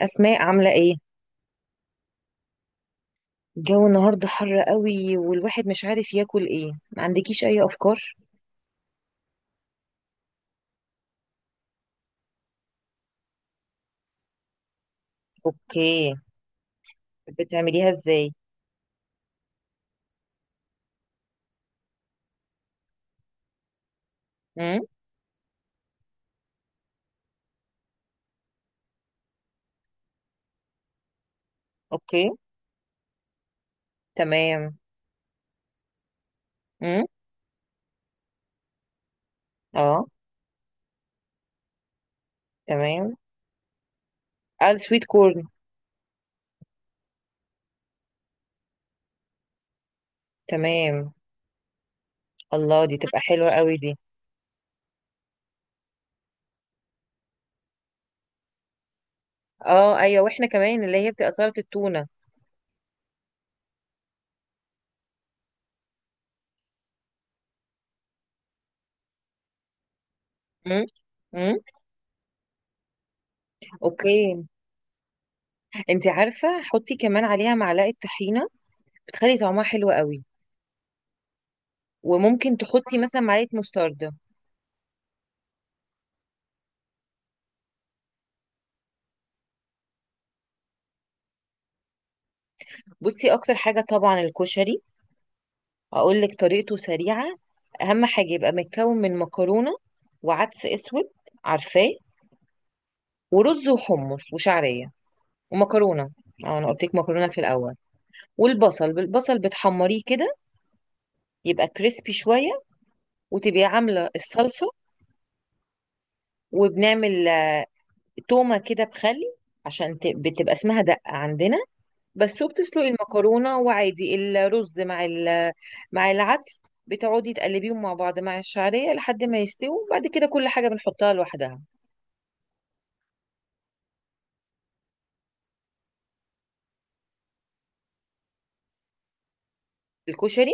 أسماء عاملة إيه؟ الجو النهاردة حر قوي والواحد مش عارف ياكل إيه، ما عندكيش أي أفكار؟ أوكي. بتعمليها إزاي؟ امم. أوكي. تمام. امم. أه. تمام. قال سويت كورن. تمام. الله، دي تبقى حلوة قوي دي. أه، أيوة، وإحنا كمان اللي هي بتبقى سلطة التونة. امم. امم. أوكي. أنت عارفة، حطي كمان عليها معلقة طحينة، بتخلي طعمها حلو قوي. وممكن تحطي مثلا معلقة مستردة. بصي، أكتر حاجة طبعا الكشري، هقول لك طريقته سريعة. أهم حاجة يبقى متكون من مكرونة، وعدس أسود، عارفاه، ورز وحمص وشعرية، ومكرونة. أه، أنا قلت لك مكرونة في الأول. والبصل، بالبصل بتحمريه كده، يبقى كريسبي شوية. وتبقي عاملة الصلصة، وبنعمل تومة كده بخل، عشان بتبقى اسمها دقة عندنا. بس شو، بتسلقي المكرونة وعادي، الرز مع العدس، بتقعدي تقلبيهم مع بعض مع الشعرية لحد ما يستووا، بعد كده كل حاجة بنحطها لوحدها. الكشري.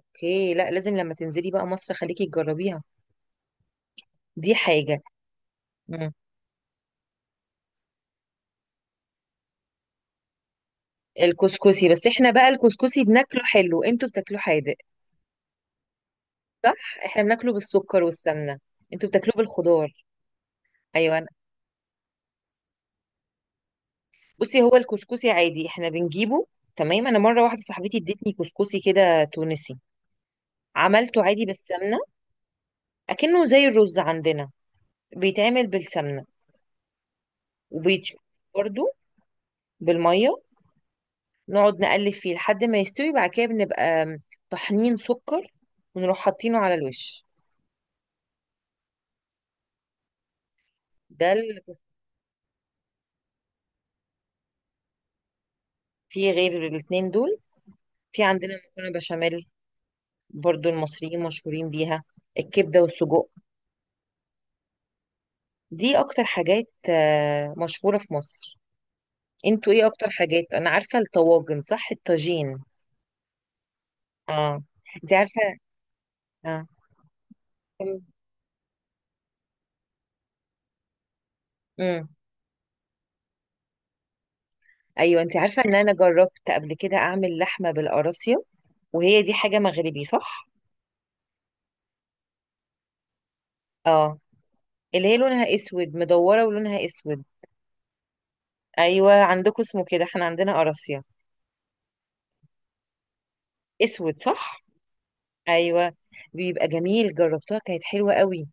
اوكي، لا، لازم لما تنزلي بقى مصر خليكي تجربيها، دي حاجة. مم. الكسكسي، بس احنا بقى الكسكسي بناكله حلو، انتوا بتاكلوه حادق صح؟ احنا بناكله بالسكر والسمنة، انتوا بتاكلوه بالخضار. ايوه أنا. بصي، هو الكسكسي عادي احنا بنجيبه تمام. انا مرة واحدة صاحبتي ادتني كسكسي كده تونسي، عملته عادي بالسمنة، اكنه زي الرز عندنا، بيتعمل بالسمنه وبيتشوي برضو بالميه، نقعد نقلب فيه لحد ما يستوي، بعد كده بنبقى طحنين سكر ونروح حاطينه على الوش. ده اللي بس-. في غير الاتنين دول في عندنا مكرونه بشاميل، برضو المصريين مشهورين بيها، الكبده والسجق. دي اكتر حاجات مشهوره في مصر. انتوا ايه اكتر حاجات؟ انا عارفه الطواجن، صح؟ الطاجين. اه. انت عارفه. اه. امم. ايوه، انت عارفه ان انا جربت قبل كده اعمل لحمه بالقراصيا، وهي دي حاجه مغربي صح؟ اه. اللي هي لونها اسود، مدوره ولونها اسود. ايوه، عندكم اسمه كده، احنا عندنا قراصيا. اسود صح. ايوه، بيبقى جميل، جربتها كانت حلوه قوي.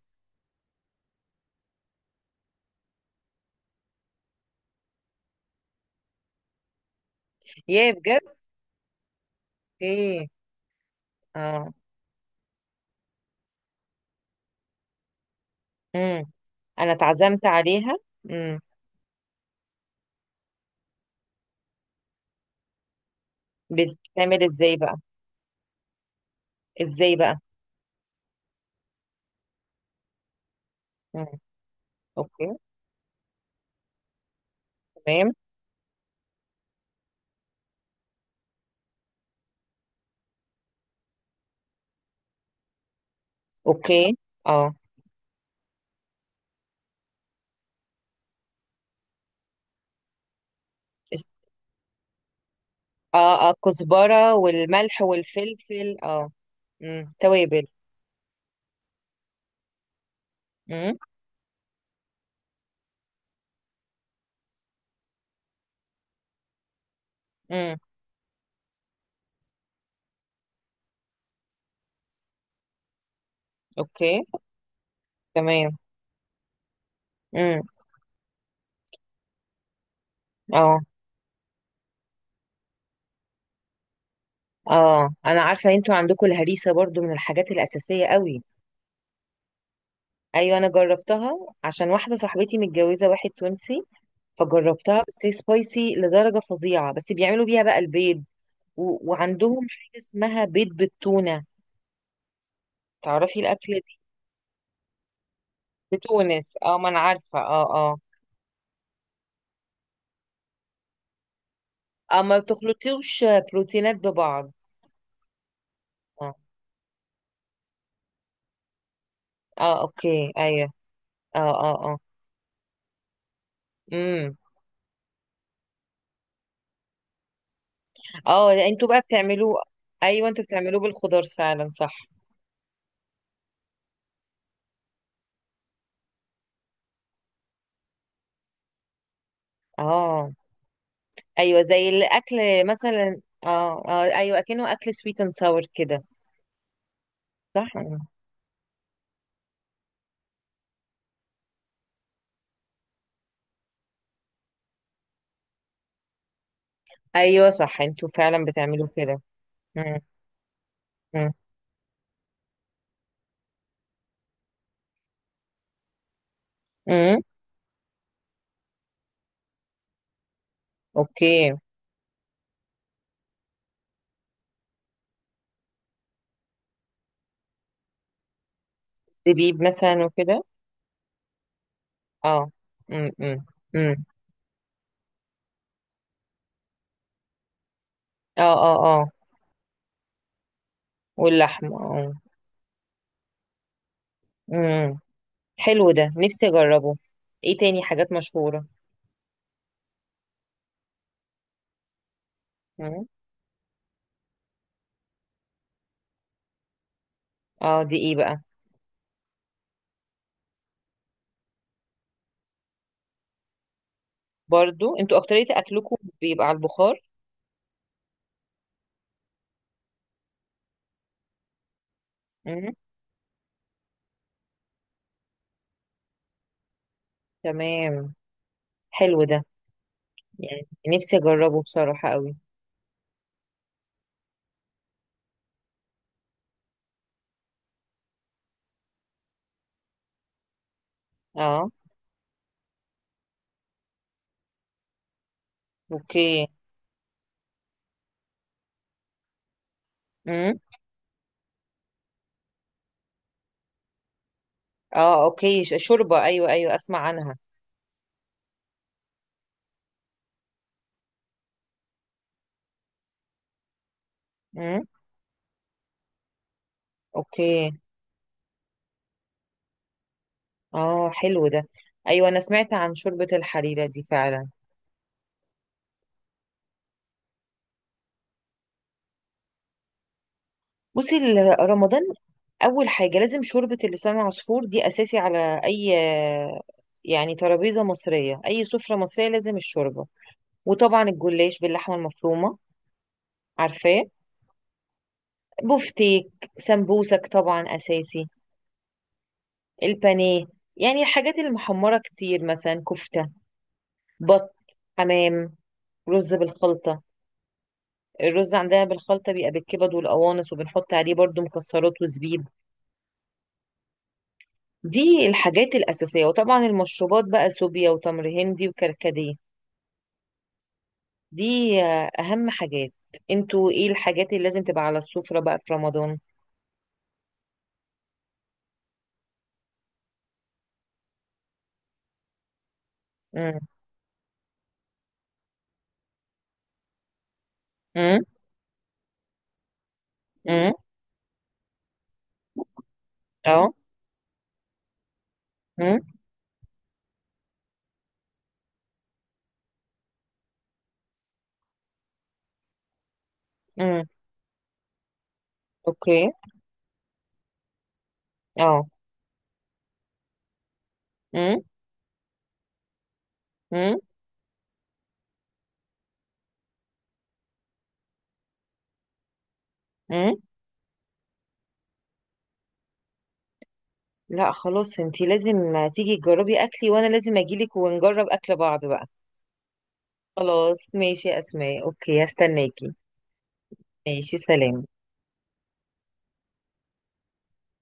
يا بجد؟ ايه. اه. امم. انا اتعزمت عليها. امم. بتتعمل ازاي بقى؟ ازاي بقى؟ امم. اوكي. تمام. اوكي. اه. اه. اه، الكزبرة والملح والفلفل، اه. امم، توابل. امم. امم. اوكي. تمام. امم. اه. اه، انا عارفة انتوا عندكم الهريسة برضو من الحاجات الأساسية قوي. ايوه، انا جربتها، عشان واحدة صاحبتي متجوزة واحد تونسي، فجربتها، بس هي سبايسي لدرجة فظيعة، بس بيعملوا بيها بقى البيض. وعندهم حاجة اسمها بيض بالتونة، تعرفي الأكلة دي؟ بتونس، اه، ما انا عارفة، اه، اه. اه، ما بتخلطيوش بروتينات ببعض. آه. اه، اوكي، ايوه. اه اه اه. امم. اه، انتوا بقى بتعملوه. ايوه، انتوا بتعملوه بالخضار فعلا صح؟ اه، ايوه، زي الاكل مثلا، اه اه ايوه، اكنه اكل سويت اند ساور كده. صح. مم. ايوه صح، انتوا فعلا بتعملوه كده. امم. امم. امم. اوكي. زبيب مثلا، وكده. اه. امم امم امم. اه اه اه. واللحم، اه. امم. حلو ده، نفسي اجربه. ايه تاني حاجات مشهورة؟ امم. اه، دي ايه بقى؟ برضو انتوا اكترية اكلكم بيبقى على البخار. مم. تمام. حلو ده. يعني نفسي اجربه بصراحة قوي. اه. اوكي. مم. اه، اوكي، شوربة، ايوه، ايوه، اسمع عنها. مم. اوكي. اه، حلو ده. ايوه، انا سمعت عن شوربة الحريرة دي فعلا. بصي، رمضان اول حاجة لازم شوربة اللسان العصفور، دي اساسي على اي يعني ترابيزة مصرية، اي سفرة مصرية لازم الشوربة. وطبعا الجلاش باللحمة المفرومة، عارفاه. بفتيك، سمبوسك طبعا أساسي، البانيه، يعني الحاجات المحمرة كتير، مثلا كفتة، بط، حمام، رز بالخلطة. الرز عندنا بالخلطة بيبقى بالكبد والقوانص، وبنحط عليه برضو مكسرات وزبيب. دي الحاجات الأساسية. وطبعا المشروبات بقى، سوبيا وتمر هندي وكركديه. دي أهم حاجات. انتوا ايه الحاجات اللي لازم تبقى على السفرة بقى في رمضان؟ امم. امم. امم. اه. امم. امم. اوكي. اه. امم. امم. لا، خلاص، انتي لازم تيجي تجربي اكلي، وانا لازم اجيلك ونجرب اكل بعض بقى. خلاص ماشي يا اسماء، اوكي، هستناكي. ماشي، سلام.